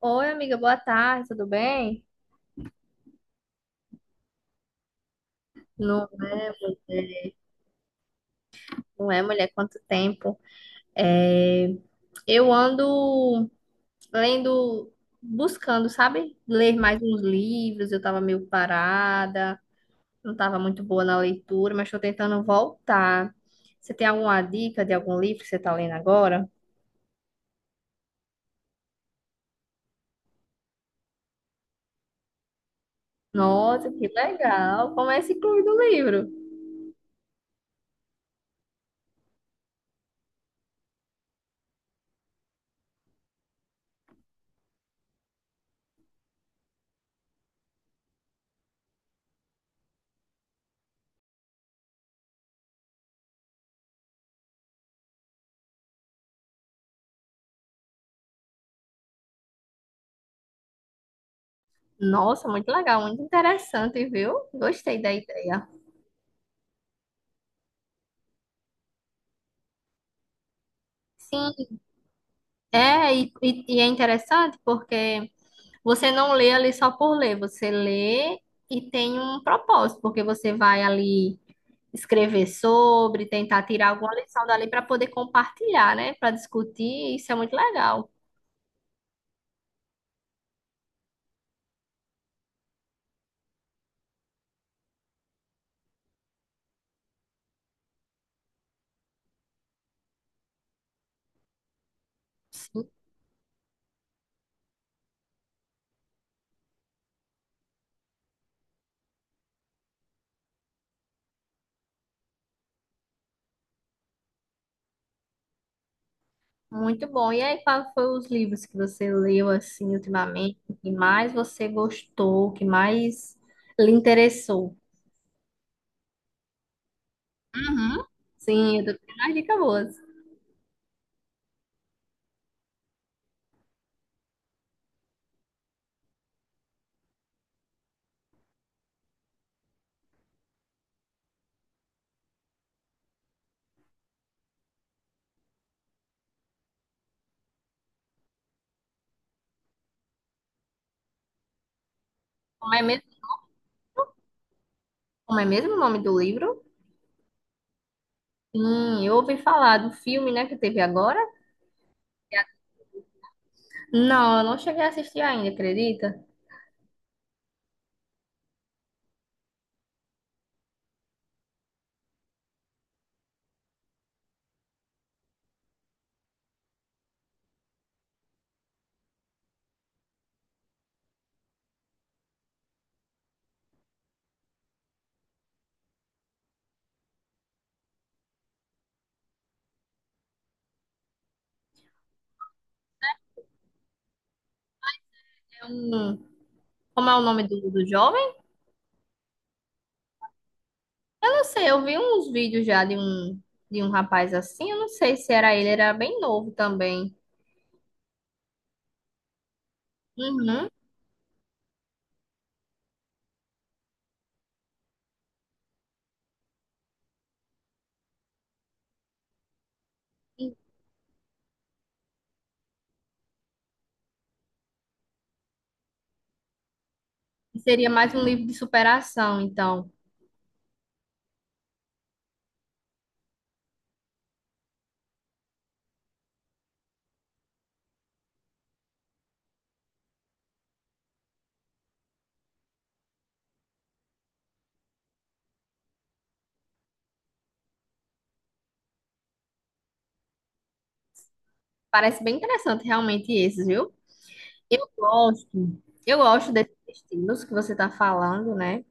Oi, amiga, boa tarde, tudo bem? Não é, não é, mulher, quanto tempo? É, eu ando lendo, buscando, sabe? Ler mais uns livros, eu tava meio parada, não tava muito boa na leitura, mas tô tentando voltar. Você tem alguma dica de algum livro que você tá lendo agora? Nossa, que legal! Comece Clube do Livro. Nossa, muito legal, muito interessante, viu? Gostei da ideia. Sim, é, e é interessante porque. Você não lê ali só por ler, você lê e tem um propósito, porque você vai ali escrever sobre, tentar tirar alguma lição dali para poder compartilhar, né? Para discutir, isso é muito legal. Sim, muito bom. E aí, quais foram os livros que você leu assim ultimamente? O que mais você gostou? O que mais lhe interessou? Uhum. Sim, eu tô tendo umas dicas boas. Como é mesmo, como é mesmo o nome do livro? Sim, eu ouvi falar do filme, né, que teve agora. Não, eu não cheguei a assistir ainda, acredita? É um... Como é o nome do jovem? Eu não sei, eu vi uns vídeos já de um rapaz assim, eu não sei se era ele, era bem novo também. Uhum. E seria mais um livro de superação, então. Parece bem interessante realmente esses, viu? Eu gosto, eu gosto desses estilos que você está falando, né?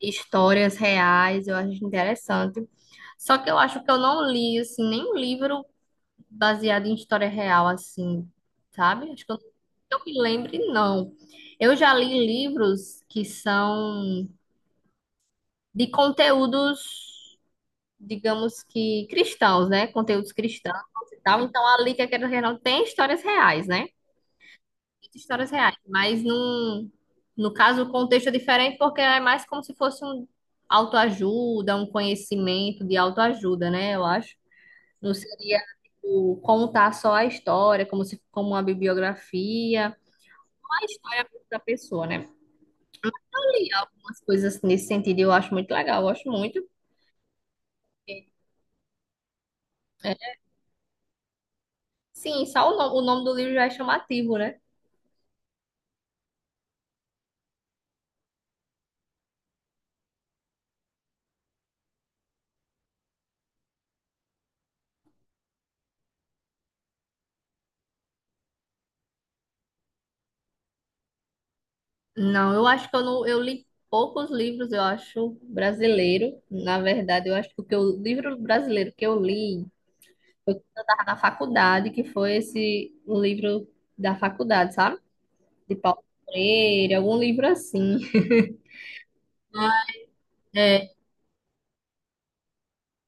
Histórias reais, eu acho interessante. Só que eu acho que eu não li, assim, nenhum livro baseado em história real, assim, sabe? Acho que eu me lembre, não. Eu já li livros que são de conteúdos, digamos que cristãos, né? Conteúdos cristãos e tal. Então, ali que a Quero tem histórias reais, né? Histórias reais, mas num, no caso o contexto é diferente porque é mais como se fosse um autoajuda, um conhecimento de autoajuda, né? Eu acho. Não seria, tipo, contar só a história, como se como uma bibliografia, uma história da pessoa, né? Eu li algumas coisas nesse sentido, e eu acho muito legal, eu gosto muito. É, sim, só o, no- o nome do livro já é chamativo, né? Não, eu acho que eu não, eu li poucos livros, eu acho, brasileiro. Na verdade, eu acho que o livro brasileiro que eu li foi quando eu estava na faculdade, que foi esse o livro da faculdade, sabe? De Paulo Freire, algum livro assim. É,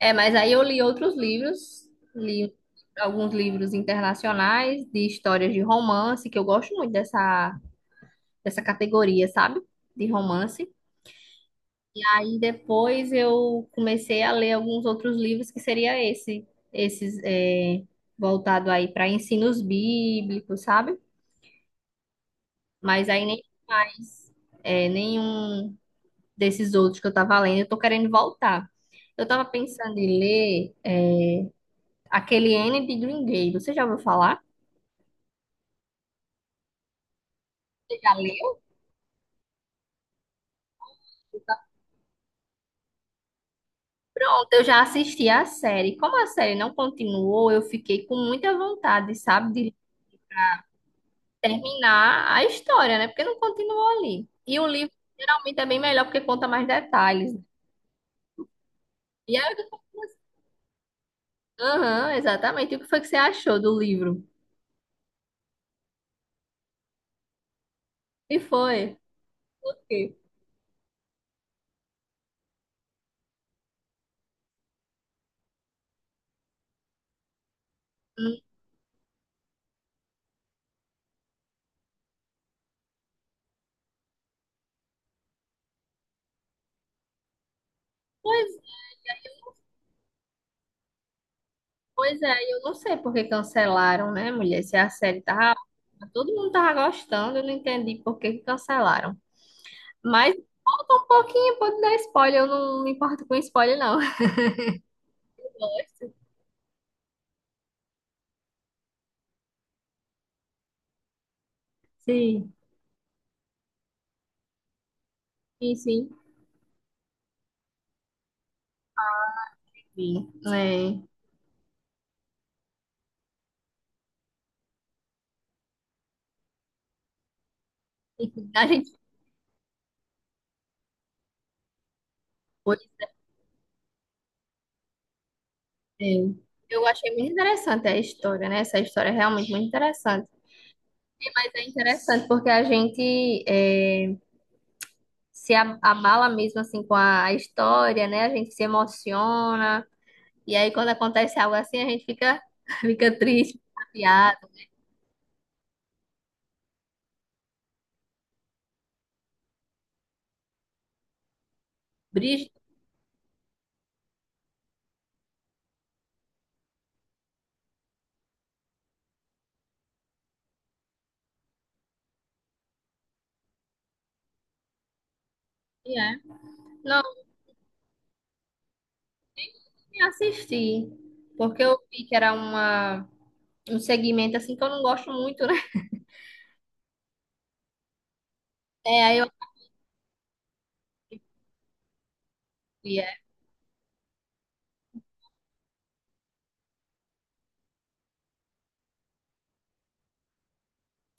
é, mas aí eu li outros livros, li alguns livros internacionais de histórias de romance, que eu gosto muito dessa categoria, sabe? De romance. Aí depois eu comecei a ler alguns outros livros que seria esses voltado aí para ensinos bíblicos, sabe? Mas aí nem mais nenhum desses outros que eu tava lendo, eu tô querendo voltar. Eu tava pensando em ler aquele N de Green Day. Você já ouviu falar? Você já leu? Pronto, eu já assisti a série. Como a série não continuou, eu fiquei com muita vontade, sabe, de terminar a história, né? Porque não continuou ali. E o livro geralmente é bem melhor porque conta mais detalhes. E aí, eu- aham, exatamente. E o que foi que você achou do livro? E foi? O quê? Hum. Pois, pois é, eu não sei por que cancelaram, né, mulher? Se a série tava. Todo mundo tava gostando, eu não entendi por que que cancelaram. Mas falta um pouquinho, pode dar spoiler. Eu não me importo com spoiler, não. Eu gosto. Sim, sim. Sim. É. Enfim, a gente foi. Né? É. Eu achei muito interessante a história, né? Essa história é realmente muito interessante. Mas é interessante porque a gente é, se a- abala mesmo assim com a história, né? A gente se emociona. E aí quando acontece algo assim, a gente fica, fica triste, chateado. Brígido, né? Nem assisti, porque eu vi que era uma, um segmento assim que eu não gosto muito, né? É, aí eu vi, é,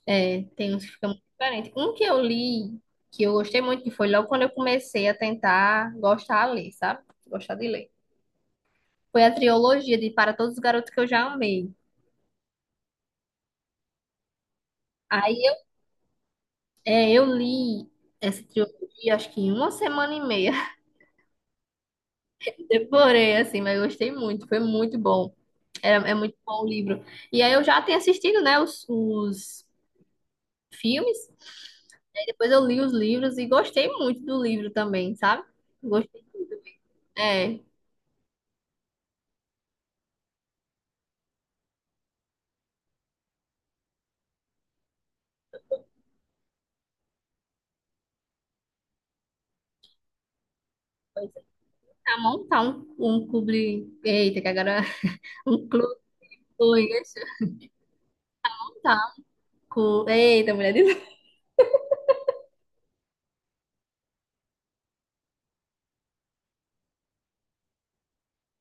é, tem uns que ficam muito diferentes. Um que eu li, que eu gostei muito, que foi logo quando eu comecei a tentar gostar a ler, sabe? Gostar de ler. Foi a trilogia de Para Todos os Garotos que eu já amei. Aí eu, eu li essa trilogia, acho que em uma semana e meia. Devorei, assim, mas eu gostei muito, foi muito bom. É, é muito bom o livro. E aí eu já tenho assistido, né, os filmes. Aí depois eu li os livros e gostei muito do livro também, sabe? Gostei muito. É, vou tentar montar um clube. Eita, que agora. Um clube. Deixa eu montar um clube. Eita, mulher de novo.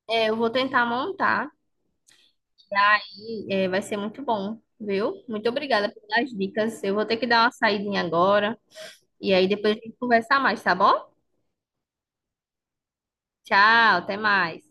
É, eu vou tentar montar. E, é, vai ser muito bom, viu? Muito obrigada pelas dicas. Eu vou ter que dar uma saidinha agora. E aí depois a gente conversa mais, tá bom? Tchau, até mais.